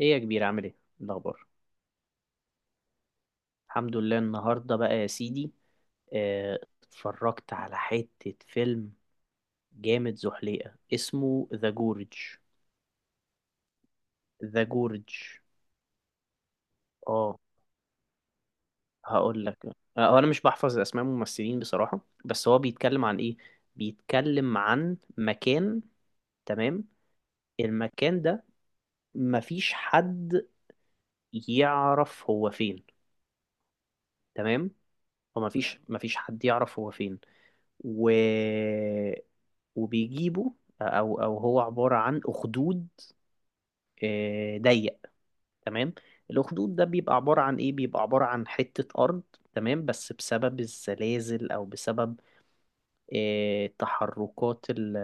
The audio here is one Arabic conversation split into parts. ايه يا كبير عامل ايه؟ إيه الاخبار؟ الحمد لله النهارده بقى يا سيدي. آه، اتفرجت على حتة فيلم جامد زحليقة اسمه ذا جورج. ذا جورج. اه، هقول لك. هو انا مش بحفظ اسماء الممثلين بصراحة، بس هو بيتكلم عن ايه. بيتكلم عن مكان، تمام. المكان ده مفيش حد يعرف هو فين، تمام. ومفيش مفيش حد يعرف هو فين. و وبيجيبوا. او هو عباره عن اخدود ضيق، تمام. الاخدود ده بيبقى عباره عن ايه؟ بيبقى عباره عن حته ارض، تمام. بس بسبب الزلازل او بسبب تحركات ال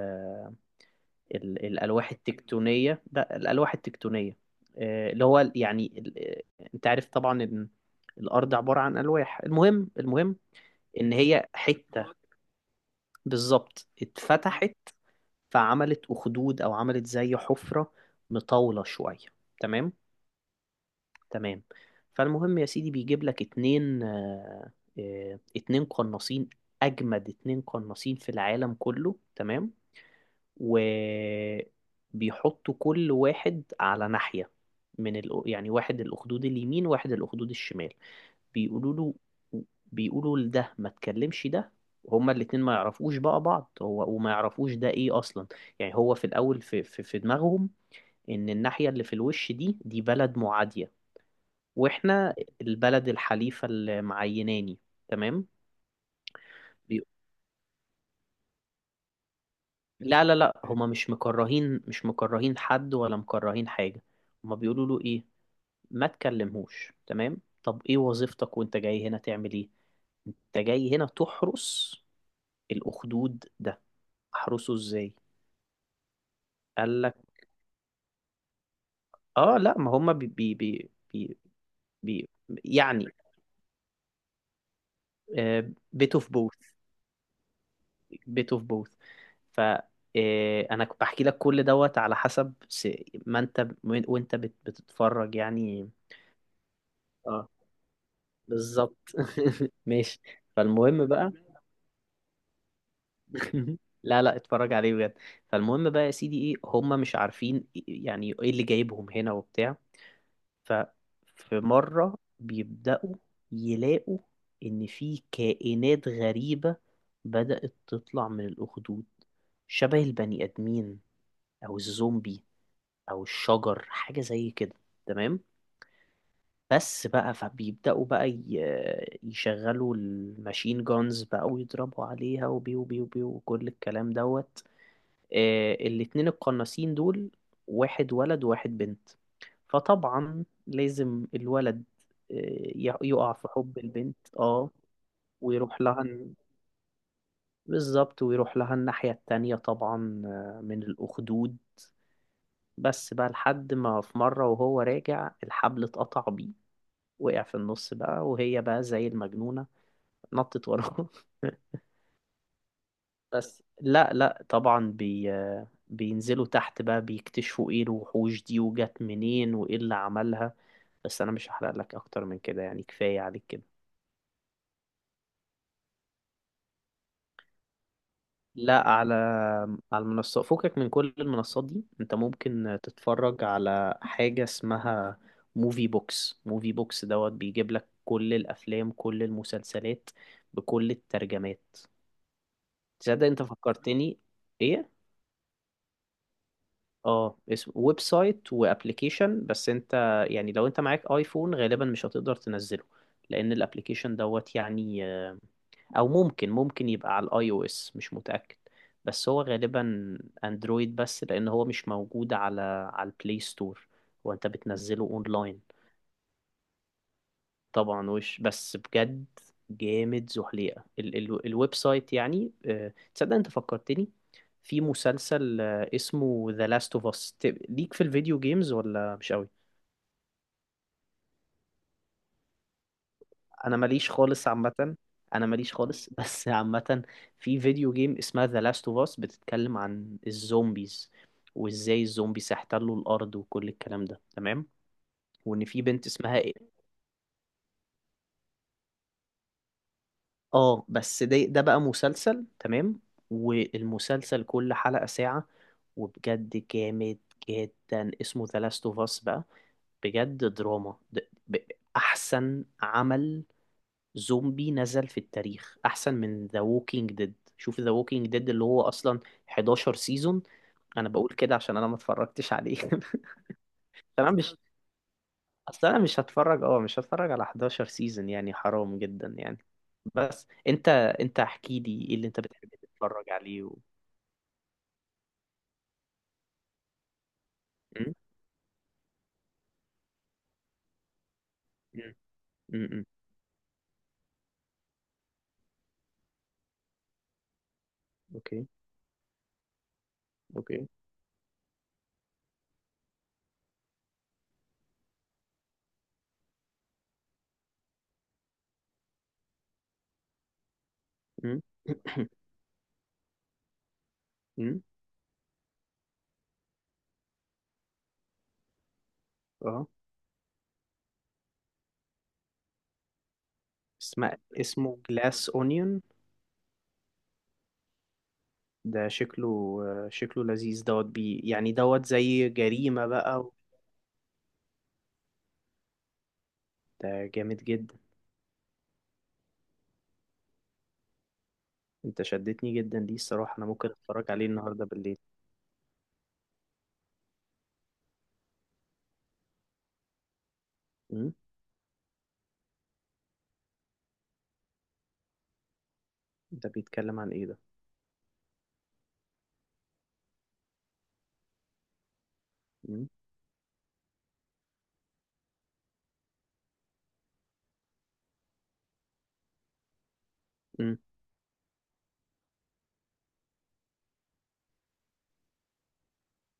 ال الالواح التكتونيه، ده الالواح التكتونيه. اللي هو يعني انت عارف طبعا ان الارض عباره عن الواح. المهم ان هي حته، بالظبط، اتفتحت، فعملت أخدود أو عملت زي حفرة مطاولة شوية، تمام. تمام. فالمهم يا سيدي بيجيب لك اتنين اتنين قناصين، أجمد اتنين قناصين في العالم كله، تمام. وبيحطوا كل واحد على ناحية من ال... يعني واحد الأخدود اليمين واحد الأخدود الشمال. بيقولوا له، بيقولوا لده ما تكلمش ده. هما الاتنين ما يعرفوش بقى بعض، هو وما يعرفوش ده ايه اصلا. يعني هو في الاول في دماغهم ان الناحية اللي في الوش دي بلد معادية، واحنا البلد الحليفة اللي معيناني، تمام. بي- لا لا لا، هما مش مكرهين، مش مكرهين حد ولا مكرهين حاجة. هما بيقولوا له ايه؟ ما تكلمهوش، تمام. طب ايه وظيفتك وانت جاي هنا تعمل ايه؟ انت جاي هنا تحرس الاخدود ده. احرسه ازاي؟ قال لك اه. لا ما هم بي بي بي بي بي يعني بيت اوف بوث، بيت اوف بوث. ف انا كنت بحكي لك كل دوت على حسب ما انت وانت بتتفرج يعني. اه بالظبط. ماشي. فالمهم بقى. لا لا، اتفرج عليه بجد. فالمهم بقى يا سيدي، ايه هم مش عارفين إيه، يعني ايه اللي جايبهم هنا وبتاع. ففي مرة بيبدأوا يلاقوا ان في كائنات غريبة بدأت تطلع من الأخدود، شبه البني آدمين او الزومبي او الشجر حاجة زي كده، تمام. بس بقى، فبيبدأوا بقى يشغلوا الماشين جونز بقى ويضربوا عليها، وبيو بيو بيو وكل الكلام دوت. الاتنين القناصين دول واحد ولد وواحد بنت. فطبعا لازم الولد آه، يقع في حب البنت، اه. ويروح لها بالظبط، ويروح لها الناحية التانية طبعا من الأخدود. بس بقى لحد ما في مرة وهو راجع، الحبل اتقطع بيه، وقع في النص بقى، وهي بقى زي المجنونة نطت وراه. بس لا لا طبعا بينزلوا تحت بقى، بيكتشفوا ايه الوحوش دي وجت منين وايه اللي عملها. بس انا مش هحرق لك اكتر من كده يعني، كفاية عليك كده. لا، على على المنصات. فكك من كل المنصات دي، انت ممكن تتفرج على حاجة اسمها موفي بوكس. موفي بوكس دوت بيجيب لك كل الافلام كل المسلسلات بكل الترجمات. تصدق انت فكرتني؟ ايه، اه اسم ويب سايت وابلكيشن. بس انت يعني لو انت معاك ايفون غالبا مش هتقدر تنزله، لان الابلكيشن دوت يعني او ممكن يبقى على الاي او اس، مش متأكد. بس هو غالبا اندرويد، بس لان هو مش موجود على على البلاي ستور، وانت بتنزله اونلاين. طبعا. وش، بس بجد جامد زحليقة ال الويب سايت يعني. تصدق انت فكرتني؟ في مسلسل اسمه ذا لاست اوف اس. ليك في الفيديو جيمز ولا مش قوي. انا ماليش خالص عامة، انا ماليش خالص بس عامة في فيديو جيم اسمها ذا لاست اوف اس بتتكلم عن الزومبيز، وازاي الزومبيز هيحتلوا الارض وكل الكلام ده، تمام. وان في بنت اسمها. اه بس ده ده بقى مسلسل، تمام. والمسلسل كل حلقة ساعة، وبجد جامد جدا اسمه ذا لاست اوف اس بقى. بجد دراما، احسن عمل زومبي نزل في التاريخ، احسن من ذا ووكينج ديد. شوف ذا ووكينج ديد اللي هو اصلا 11 سيزون. انا بقول كده عشان انا ما اتفرجتش عليه. تمام. اصل انا مش هتفرج، اه مش هتفرج على 11 سيزون يعني، حرام جدا يعني. بس انت، انت احكي لي ايه اللي انت بتحب تتفرج عليه و... م؟ م- م- م. اوكي. اوكي. م؟ م؟ اه، اسمه اسمه جلاس اونيون. ده شكله شكله لذيذ دوت، يعني دوت زي جريمة بقى و. ده جامد جدا. انت شدتني جدا ليه الصراحة، انا ممكن اتفرج عليه النهاردة بالليل. م؟ ده بيتكلم عن ايه ده؟ م؟ م.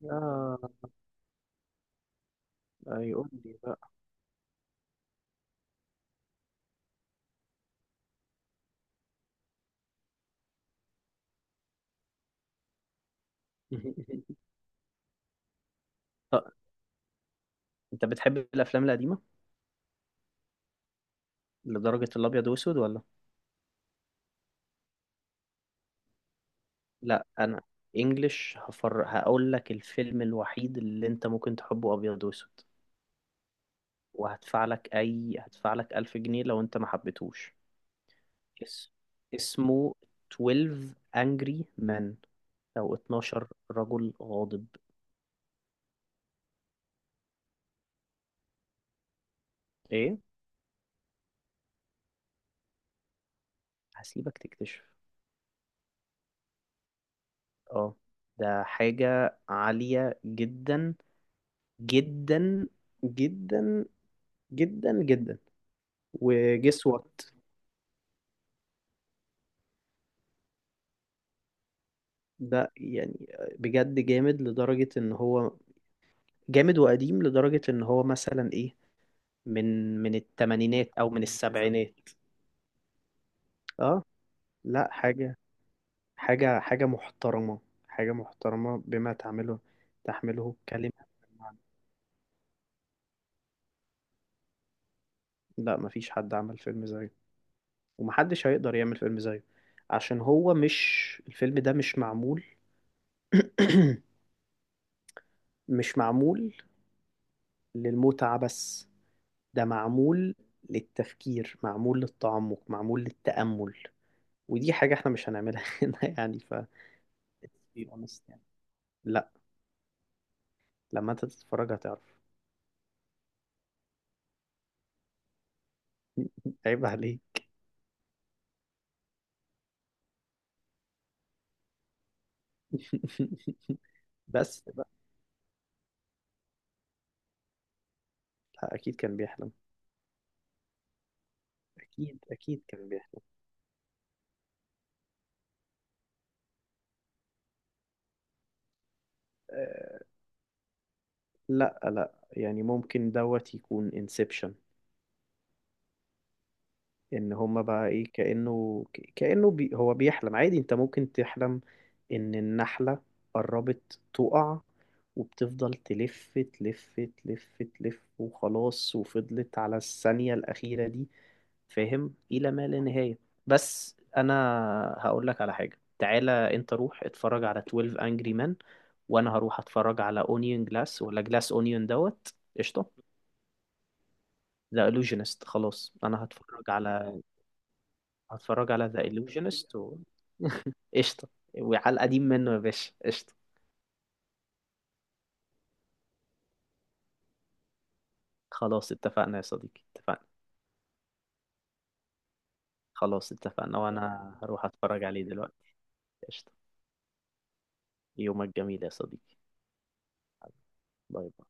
اه، يقول لي بقى. طب انت بتحب الافلام القديمه لدرجه الابيض واسود ولا؟ لا، انا انجلش هفر. هقول لك الفيلم الوحيد اللي انت ممكن تحبه ابيض واسود، وهدفع لك اي هدفع لك 1000 جنيه لو انت ما حبيتهوش. اس... اسمه 12 Angry Men او 12 رجل غاضب. ايه؟ هسيبك تكتشف. اه، ده حاجة عالية جدا، جدا، جدا، جدا، جدا. وجس وات؟ ده يعني بجد جامد لدرجة ان هو، جامد وقديم لدرجة ان هو مثلا ايه، من التمانينات او من التسعينات. السبعينات. اه. لا حاجة، حاجة حاجة محترمة، حاجة محترمة بما تعمله، تحمله كلمة. لا مفيش حد عمل فيلم زيه، ومحدش هيقدر يعمل فيلم زيه، عشان هو مش الفيلم ده مش معمول. مش معمول للمتعة بس، ده معمول للتفكير، معمول للتعمق، معمول للتأمل. ودي حاجة احنا مش هنعملها هنا يعني، ف let's be honest يعني. لا، لما انت تتفرج هتعرف. عيب عليه. بس بقى، لا اكيد كان بيحلم. اكيد اكيد كان بيحلم. أه لا لا، يعني ممكن دوت يكون انسبشن. ان هما بقى ايه كأنه كأنه هو بيحلم عادي. انت ممكن تحلم ان النحلة قربت تقع وبتفضل تلف تلف، تلف تلف، وخلاص، وفضلت على الثانية الأخيرة دي فاهم، إلى ما لا نهاية. بس أنا هقول لك على حاجة، تعالى أنت روح اتفرج على 12 Angry Men، وأنا هروح أتفرج على Onion Glass ولا Glass Onion دوت، قشطة. ده Illusionist، خلاص أنا هتفرج على، هتفرج على ذا illusionist و. قشطة، وعلى القديم منه يا باشا قشطة. خلاص اتفقنا يا صديقي، اتفقنا. خلاص اتفقنا، وانا هروح اتفرج عليه دلوقتي. قشطة. يومك جميل يا صديقي. باي باي.